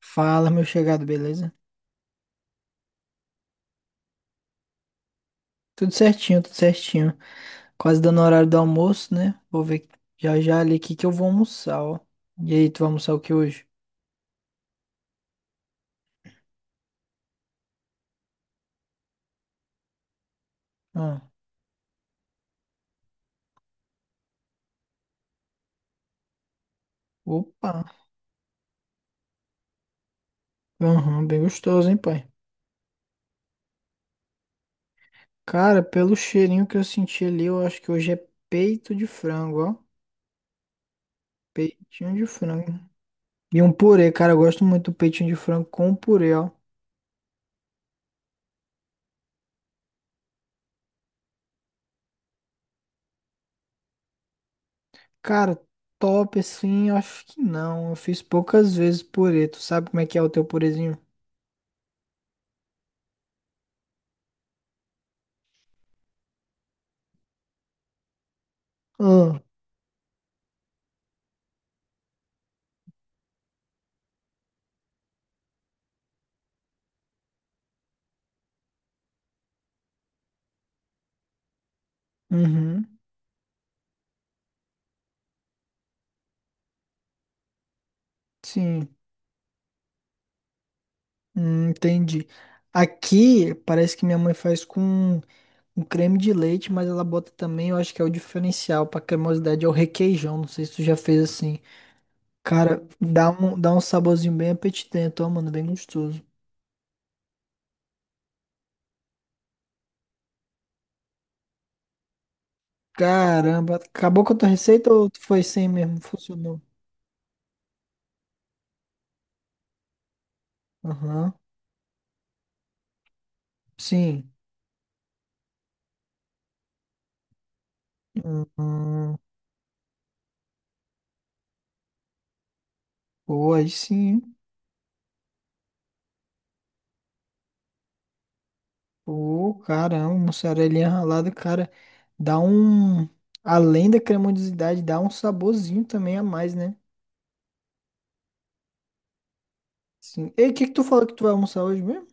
Fala, meu chegado, beleza? Tudo certinho, tudo certinho. Quase dando o horário do almoço, né? Vou ver já já ali o que que eu vou almoçar, ó. E aí, tu vai almoçar o que hoje? Ah, opa. Aham, bem gostoso, hein, pai? Cara, pelo cheirinho que eu senti ali, eu acho que hoje é peito de frango, ó. Peitinho de frango. E um purê, cara, eu gosto muito do peitinho de frango com purê, ó. Cara, top assim, eu acho que não. Eu fiz poucas vezes purê. Tu sabe como é que é o teu purezinho? Ah, uhum. Sim, entendi. Aqui parece que minha mãe faz com um creme de leite, mas ela bota também, eu acho que é o diferencial para cremosidade, é o requeijão. Não sei se tu já fez assim. Cara, dá um saborzinho bem apetitento, ó, mano, bem gostoso. Caramba, acabou com a tua receita ou tu foi sem mesmo? Funcionou? Aham. Sim. Hum, hum, pô, aí sim. Pô, caramba, uma cerealinha ralada, cara, dá um. Além da cremosidade, dá um saborzinho também a mais, né? Sim. E o que que tu falou que tu vai almoçar hoje mesmo?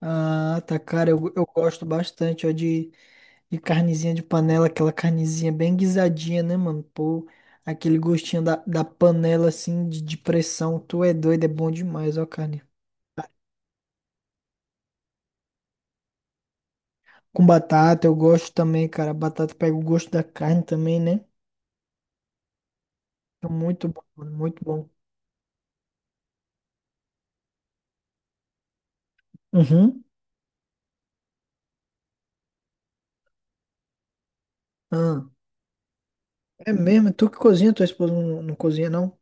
Ah, tá, cara, eu gosto bastante, ó, de carnezinha de panela, aquela carnezinha bem guisadinha, né, mano? Pô, aquele gostinho da, da panela, assim, de pressão, tu é doido, é bom demais, ó, carne. Com batata, eu gosto também, cara, batata pega o gosto da carne também, né? É muito bom, mano, muito bom. Uhum. Ah. É mesmo, tu que cozinha, tua esposa não cozinha, não?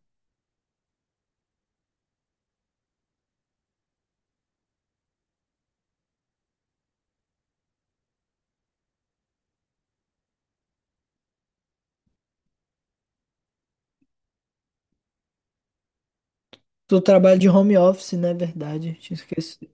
Tu trabalha de home office, né? Verdade, tinha esquecido.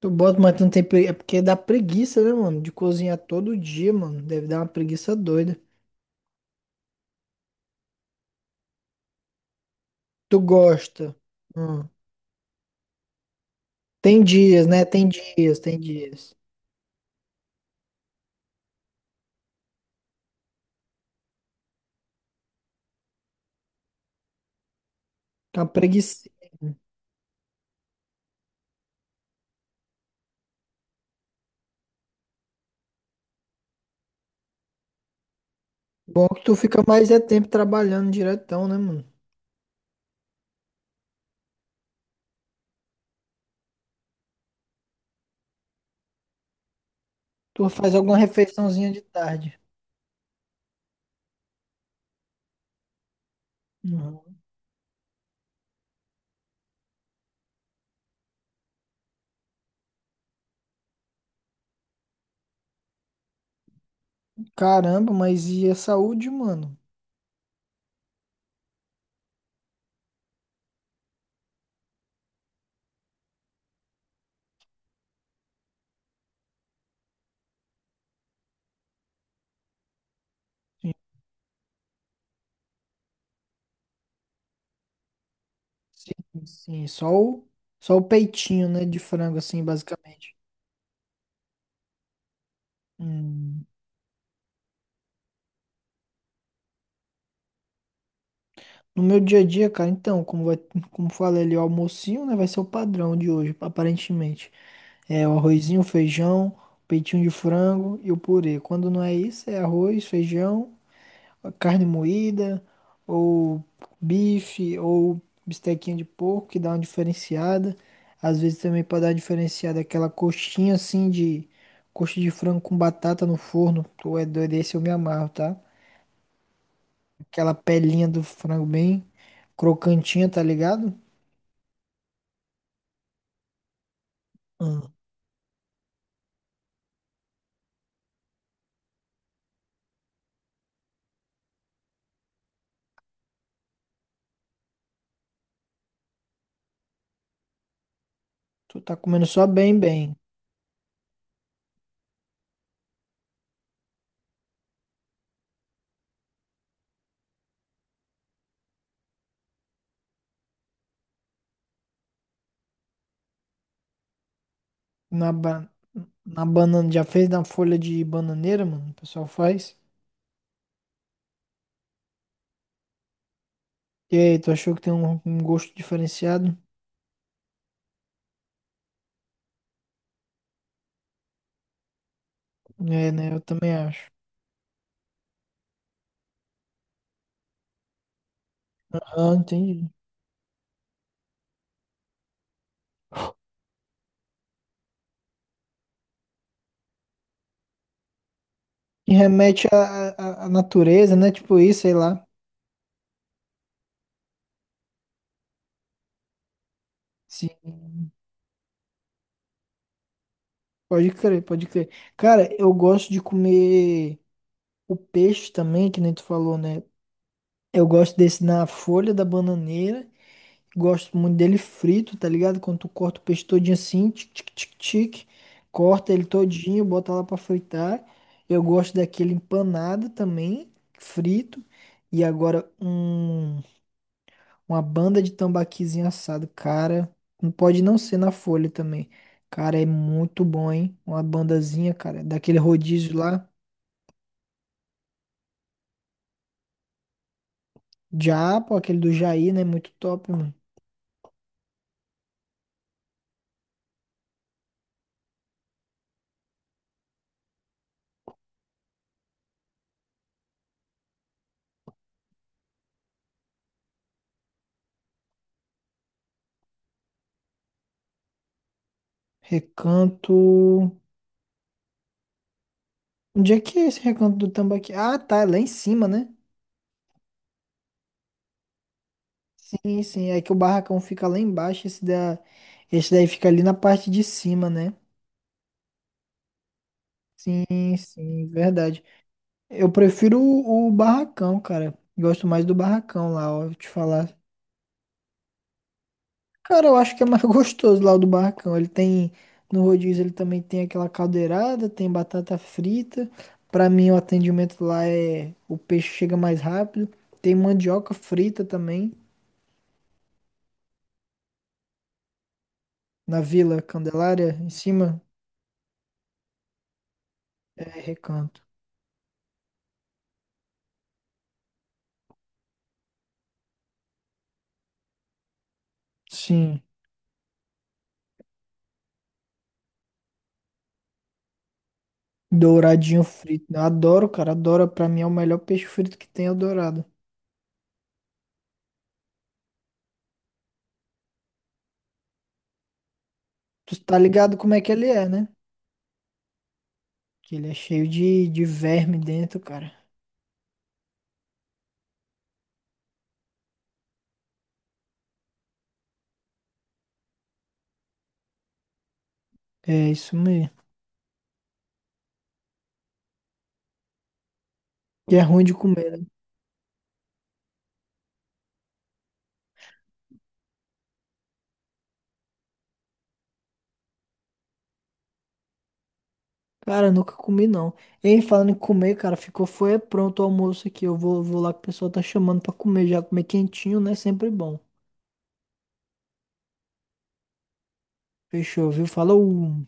Tu bota, mas tu não tem pre... É porque dá preguiça, né, mano? De cozinhar todo dia, mano. Deve dar uma preguiça doida. Tu gosta. Hum. Tem dias, né? Tem dias, tem dias. Tá preguiça. Bom que tu fica mais é tempo trabalhando diretão, né, mano? Tu faz alguma refeiçãozinha de tarde. Uhum. Caramba, mas e a saúde, mano? Sim, sim, só o, só o peitinho, né, de frango, assim, basicamente. Hum. No meu dia a dia, cara, então, como, vai, como falei ali, o almocinho, né, vai ser o padrão de hoje, aparentemente. É o arrozinho, o feijão, o peitinho de frango e o purê. Quando não é isso, é arroz, feijão, carne moída, ou bife, ou bistequinha de porco, que dá uma diferenciada. Às vezes também para dar uma diferenciada aquela coxinha assim de coxa de frango com batata no forno. Tu é doido, esse eu me amarro, tá? Aquela pelinha do frango bem crocantinha, tá ligado? Hum. Tu tá comendo só bem, bem. Na, ba- Na banana, já fez na folha de bananeira, mano? O pessoal faz. E aí, tu achou que tem um, um gosto diferenciado? É, né? Eu também acho. Ah, entendi. E remete à, à, à natureza, né? Tipo isso, sei lá. Sim. Pode crer, pode crer. Cara, eu gosto de comer o peixe também, que nem tu falou, né? Eu gosto desse na folha da bananeira. Gosto muito dele frito, tá ligado? Quando tu corta o peixe todinho assim, tic, tic, tic, tic, corta ele todinho, bota lá pra fritar. Eu gosto daquele empanado também, frito. E agora, um uma banda de tambaquizinho assado, cara. Não pode não ser na Folha também. Cara, é muito bom, hein? Uma bandazinha, cara, daquele rodízio lá. Já, pô, aquele do Jair, né? Muito top, mano. Recanto. Onde é que é esse recanto do tambaqui? Ah, tá, é lá em cima, né? Sim, sim. É que o barracão fica lá embaixo. Esse, da... esse daí fica ali na parte de cima, né? Sim, sim, verdade. Eu prefiro o barracão, cara. Gosto mais do barracão lá, ó. Vou te falar. Cara, eu acho que é mais gostoso lá o do Barracão. Ele tem, no rodízio ele também tem aquela caldeirada, tem batata frita. Pra mim o atendimento lá é, o peixe chega mais rápido. Tem mandioca frita também, na Vila Candelária, em cima é Recanto. Sim, douradinho frito. Eu adoro, cara, adoro. Pra mim é o melhor peixe frito que tem, é o dourado. Tu tá ligado como é que ele é, né? Que ele é cheio de verme dentro, cara. É isso mesmo. E é ruim de comer, né? Cara, nunca comi não. Hein, falando em comer, cara, ficou foi pronto o almoço aqui. Eu vou, vou lá que o pessoal tá chamando pra comer já. Comer quentinho, né? Sempre bom. Fechou, viu? Falou!